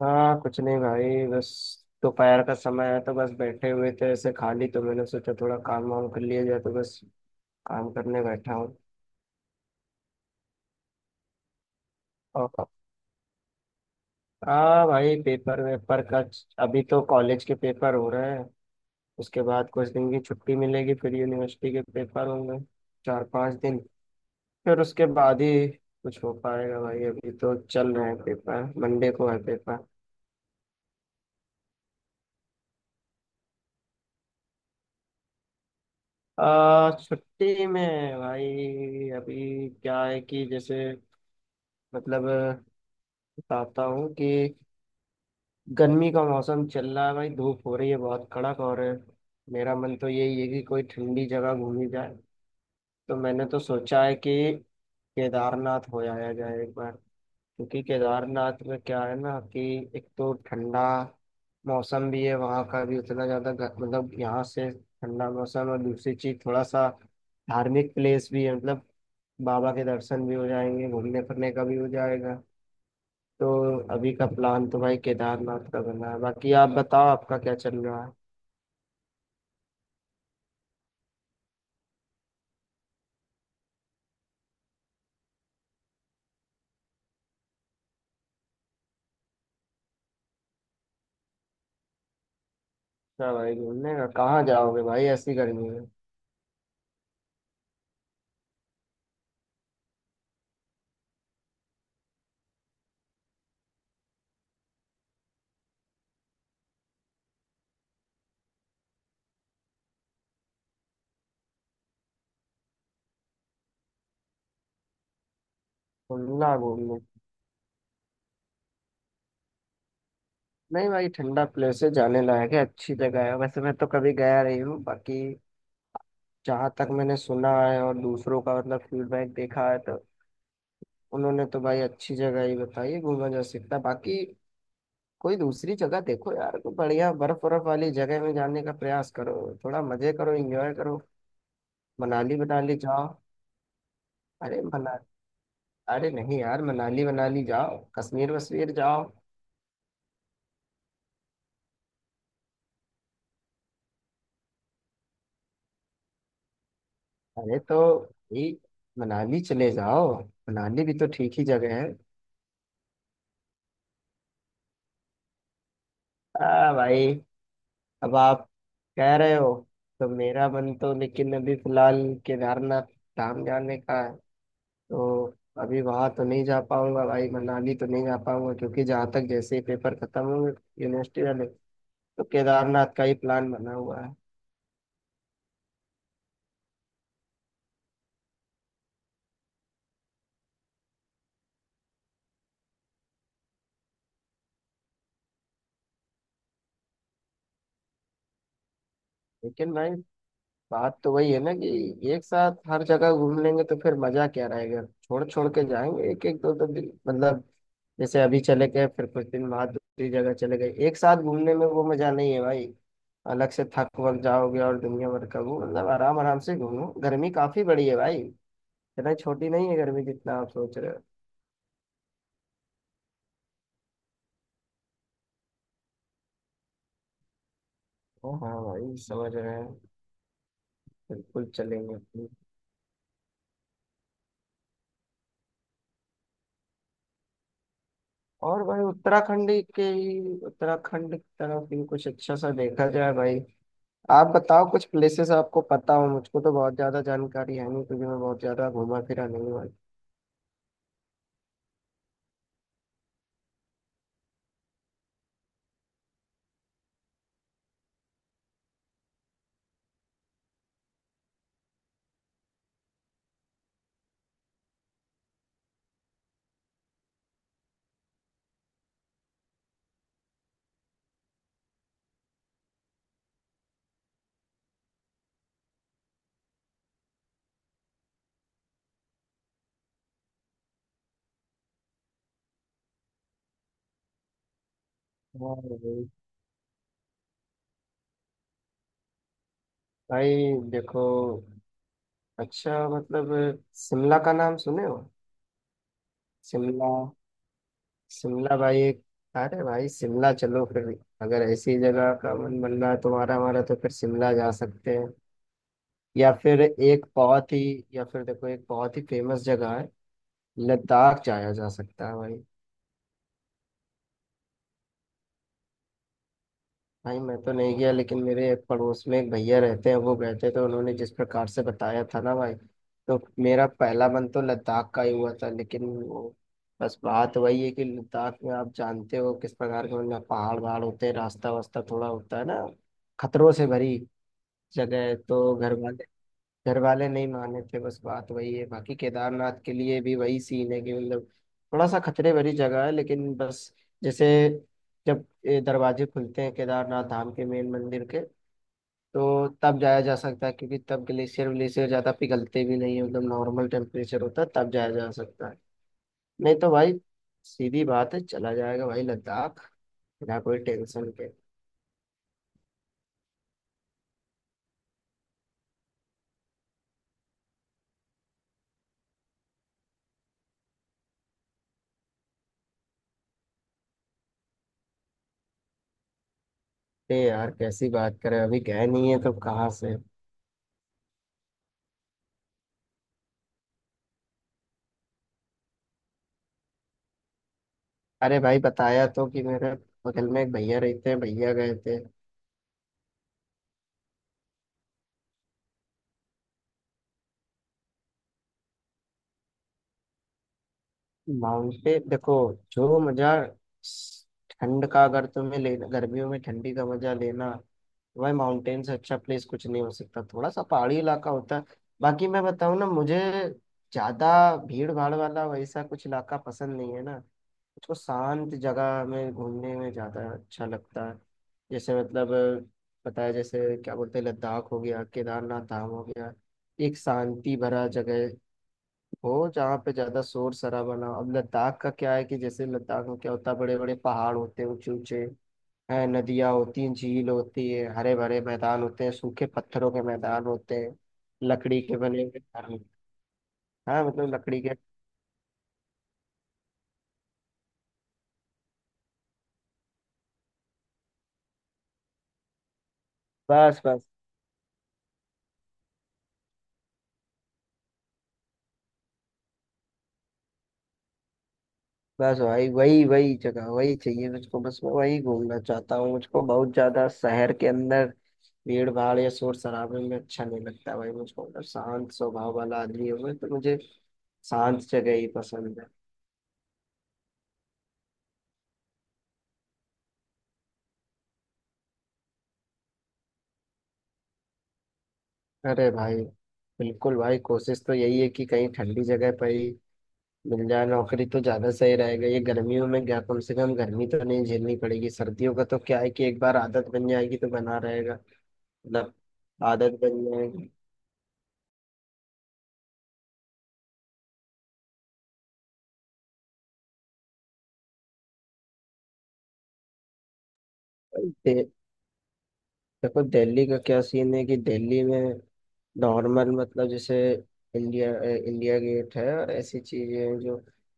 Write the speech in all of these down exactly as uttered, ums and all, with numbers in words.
हाँ, कुछ नहीं भाई। बस दोपहर का समय है तो बस बैठे हुए थे ऐसे खाली, तो मैंने सोचा थोड़ा काम वाम कर लिया जाए, तो बस काम करने बैठा हूँ। और हाँ भाई, पेपर वेपर का अभी तो कॉलेज के पेपर हो रहे हैं। उसके बाद कुछ दिन की छुट्टी मिलेगी, फिर यूनिवर्सिटी के पेपर होंगे चार पांच दिन। फिर उसके बाद ही कुछ हो पाएगा भाई। अभी तो चल रहे हैं पेपर। मंडे को है पेपर। आ, छुट्टी में भाई, अभी क्या है कि जैसे, मतलब, बताता हूँ कि गर्मी का मौसम चल रहा है भाई, धूप हो रही है बहुत कड़क। और मेरा मन तो यही है कि कोई ठंडी जगह घूमी जाए। तो मैंने तो सोचा है कि केदारनाथ हो आया जाए एक बार। क्योंकि केदारनाथ में क्या है ना कि एक तो ठंडा मौसम भी है, वहाँ का भी उतना ज़्यादा ग- मतलब यहाँ से ठंडा मौसम, और दूसरी चीज़ थोड़ा सा धार्मिक प्लेस भी है, मतलब बाबा के दर्शन भी हो जाएंगे, घूमने फिरने का भी हो जाएगा। तो अभी का प्लान तो भाई केदारनाथ का बना है। बाकी आप बताओ आपका क्या चल रहा है। क्या भाई, घूमने का कहाँ जाओगे भाई ऐसी गर्मी में। घूमना घूमने, नहीं भाई ठंडा प्लेसेस जाने लायक है, अच्छी जगह है। वैसे मैं तो कभी गया नहीं हूँ, बाकी जहाँ तक मैंने सुना है और दूसरों का मतलब फीडबैक देखा है तो उन्होंने तो भाई अच्छी जगह ही बताई है, घूमा जा सकता है। बाकी कोई दूसरी जगह देखो यार, कोई बढ़िया बर्फ बर्फ वाली जगह में जाने का प्रयास करो, थोड़ा मजे करो, एंजॉय करो। मनाली मनाली जाओ। अरे मना अरे नहीं यार, मनाली मनाली जाओ, कश्मीर वश्मीर जाओ। अरे तो भाई मनाली चले जाओ, मनाली भी तो ठीक ही जगह है। आ भाई, अब आप कह रहे हो, तो मेरा मन तो, लेकिन अभी फिलहाल केदारनाथ धाम जाने का है। तो अभी वहां तो नहीं जा पाऊंगा भाई, मनाली तो नहीं जा पाऊंगा क्योंकि जहाँ तक, जैसे ही पेपर खत्म होंगे यूनिवर्सिटी वाले, तो केदारनाथ का ही प्लान बना हुआ है। लेकिन भाई बात तो वही है ना कि एक साथ हर जगह घूम लेंगे तो फिर मजा क्या रहेगा, छोड़ छोड़ के जाएंगे एक एक दो दो दिन, मतलब जैसे अभी चले गए फिर कुछ दिन बाद दूसरी जगह चले गए, एक साथ घूमने में वो मजा नहीं है भाई। अलग से थक वक जाओगे और दुनिया भर का वो, मतलब आराम आराम से घूमो, गर्मी काफी बड़ी है भाई, इतना छोटी नहीं है गर्मी जितना आप सोच रहे हो। ओ हाँ भाई, समझ रहे हैं, बिल्कुल चलेंगे। और भाई उत्तराखंड के ही, उत्तराखंड की तरफ भी कुछ अच्छा सा देखा जाए भाई। आप बताओ कुछ प्लेसेस आपको पता हो, मुझको तो बहुत ज्यादा जानकारी है नहीं क्योंकि मैं बहुत ज्यादा घूमा फिरा नहीं हुआ। हाँ भाई, भाई देखो, अच्छा मतलब शिमला का नाम सुने हो। शिमला, शिमला भाई एक, अरे भाई शिमला चलो फिर। अगर ऐसी जगह का मन बन रहा है तुम्हारा हमारा, तो फिर शिमला जा सकते हैं। या फिर एक बहुत ही, या फिर देखो एक बहुत ही फेमस जगह है, लद्दाख जाया जा सकता है भाई। भाई मैं तो नहीं गया, लेकिन मेरे एक पड़ोस में एक भैया रहते हैं, वो गए थे, तो उन्होंने जिस प्रकार से बताया था ना भाई, तो मेरा पहला मन तो लद्दाख का ही हुआ था। लेकिन वो, बस बात वही है कि लद्दाख में आप जानते हो किस प्रकार के, मतलब पहाड़ वहाड़ होते हैं, रास्ता वास्ता थोड़ा होता है ना, खतरों से भरी जगह है, तो घर वाले, घर वाले नहीं माने थे। बस बात वही है। बाकी केदारनाथ के लिए भी वही सीन है कि मतलब थोड़ा सा खतरे भरी जगह है, लेकिन बस जैसे, जब ये दरवाजे खुलते हैं केदारनाथ धाम के मेन मंदिर के, तो तब जाया जा सकता है क्योंकि तब ग्लेशियर व्लेशियर ज्यादा पिघलते भी नहीं है, मतलब नॉर्मल टेम्परेचर होता है, तब जाया जा सकता है। नहीं तो भाई सीधी बात है, चला जाएगा भाई लद्दाख बिना कोई टेंशन के। ए यार, कैसी बात करें, अभी गए नहीं है तो कहाँ से। अरे भाई बताया तो कि मेरे बगल में एक भैया रहते हैं, भैया गए थे। माउंटेन देखो, जो मजा, स- ठंड का अगर तुम्हें लेना, गर्मियों में ठंडी का मजा लेना, तो भाई माउंटेन से अच्छा प्लेस कुछ नहीं हो सकता, थोड़ा सा पहाड़ी इलाका होता है। बाकी मैं बताऊँ ना, मुझे ज्यादा भीड़ भाड़ वाला वैसा कुछ इलाका पसंद नहीं है ना, मुझको शांत जगह में घूमने में ज़्यादा अच्छा लगता है। जैसे मतलब अ, पता है जैसे क्या बोलते हैं, लद्दाख हो गया, केदारनाथ धाम हो गया, एक शांति भरा जगह हो जहाँ पे ज़्यादा शोर शराबा ना हो। अब लद्दाख का क्या है कि जैसे, लद्दाख में क्या होता है, बड़े बड़े पहाड़ होते हैं, ऊंचे ऊंचे हैं, नदियाँ होती हैं, झील होती है, हरे भरे मैदान होते हैं, सूखे पत्थरों के मैदान होते हैं, लकड़ी के बने हुए घर होते हैं। हाँ मतलब लकड़ी के, बस बस, बस भाई वही वही जगह वही चाहिए मुझको, बस मैं वही घूमना चाहता हूँ। मुझको बहुत ज्यादा शहर के अंदर भीड़ भाड़ या शोर शराबे में अच्छा नहीं लगता भाई। मुझको मतलब शांत स्वभाव वाला आदमी हूँ मैं तो, मुझे शांत जगह ही पसंद है। अरे भाई बिल्कुल भाई, कोशिश तो यही है कि कहीं ठंडी जगह पर ही मिल जाए नौकरी तो ज्यादा सही रहेगा। ये गर्मियों में क्या, कम से कम गर्मी तो नहीं झेलनी पड़ेगी। सर्दियों का तो क्या है कि एक बार आदत बन जाएगी तो बना रहेगा, मतलब आदत बन जाएगी। देखो दिल्ली का क्या सीन है कि दिल्ली में नॉर्मल, मतलब जैसे इंडिया अ, इंडिया गेट है और ऐसी चीजें हैं जो,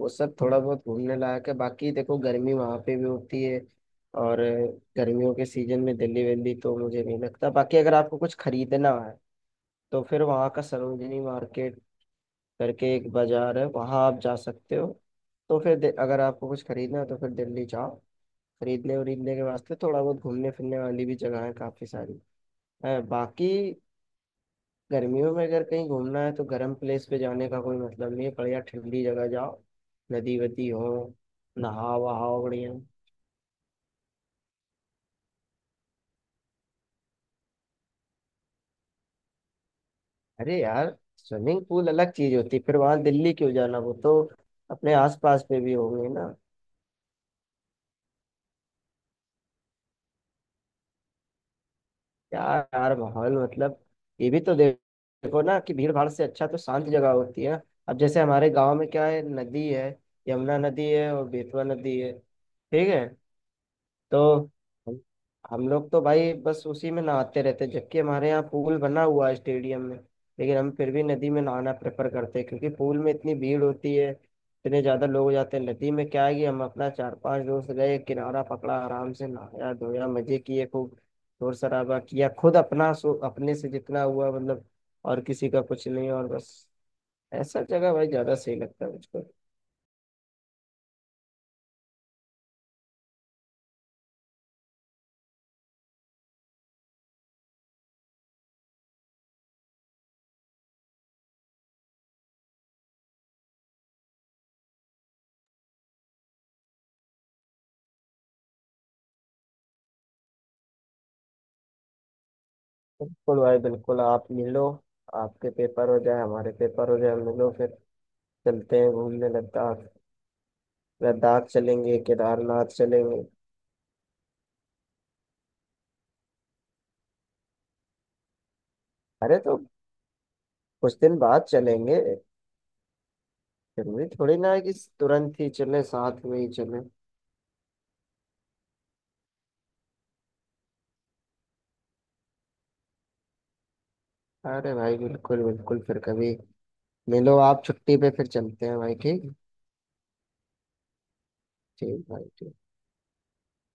वो सब थोड़ा बहुत घूमने लायक है। बाकी देखो गर्मी वहाँ पे भी होती है, और अ, गर्मियों के सीजन में दिल्ली वेल्ली तो मुझे नहीं लगता। बाकी अगर आपको कुछ खरीदना है, तो फिर वहाँ का सरोजिनी मार्केट करके एक बाजार है, वहाँ आप जा सकते हो। तो फिर दे- अगर आपको कुछ खरीदना है तो फिर दिल्ली जाओ। खरीदने वरीदने के वास्ते थोड़ा बहुत घूमने फिरने वाली भी जगह है काफी सारी है। बाकी गर्मियों में अगर कहीं घूमना है तो गर्म प्लेस पे जाने का कोई मतलब नहीं है, बढ़िया ठंडी जगह जाओ, नदी वदी हो, नहाओ वहाओ बढ़िया। अरे यार, स्विमिंग पूल अलग चीज होती है, फिर वहां दिल्ली क्यों जाना, वो तो अपने आसपास पे भी होंगे ना। यार यार, माहौल मतलब ये भी तो देख- देखो ना कि भीड़ भाड़ से अच्छा तो शांत जगह होती है ना। अब जैसे हमारे गांव में क्या है, नदी है, यमुना नदी है और बेतवा नदी है, ठीक है। तो हम हम लोग तो भाई बस उसी में नहाते रहते, जबकि हमारे यहाँ पूल बना हुआ है स्टेडियम में, लेकिन हम फिर भी नदी में नहाना प्रेफर करते हैं, क्योंकि पूल में इतनी भीड़ होती है, इतने ज्यादा लोग हो जाते हैं। नदी में क्या है कि हम अपना चार पांच दोस्त गए, किनारा पकड़ा, आराम से नहाया धोया, मजे किए खूब, शोर शराबा किया खुद अपना, सो अपने से जितना हुआ मतलब, और किसी का कुछ नहीं, और बस ऐसा जगह भाई ज्यादा सही लगता है मुझको। बिल्कुल भाई बिल्कुल, आप मिलो, आपके पेपर हो जाए हमारे पेपर हो जाए, मिलो फिर चलते हैं घूमने लद्दाख। लद्दाख चलेंगे, केदारनाथ चलेंगे। अरे तो कुछ दिन बाद चलेंगे, जरूरी थोड़ी ना है कि तुरंत ही चले, साथ में ही चले। अरे भाई बिल्कुल बिल्कुल, फिर कभी मिलो आप छुट्टी पे, फिर चलते हैं भाई ठीक। ठीक भाई ठीक।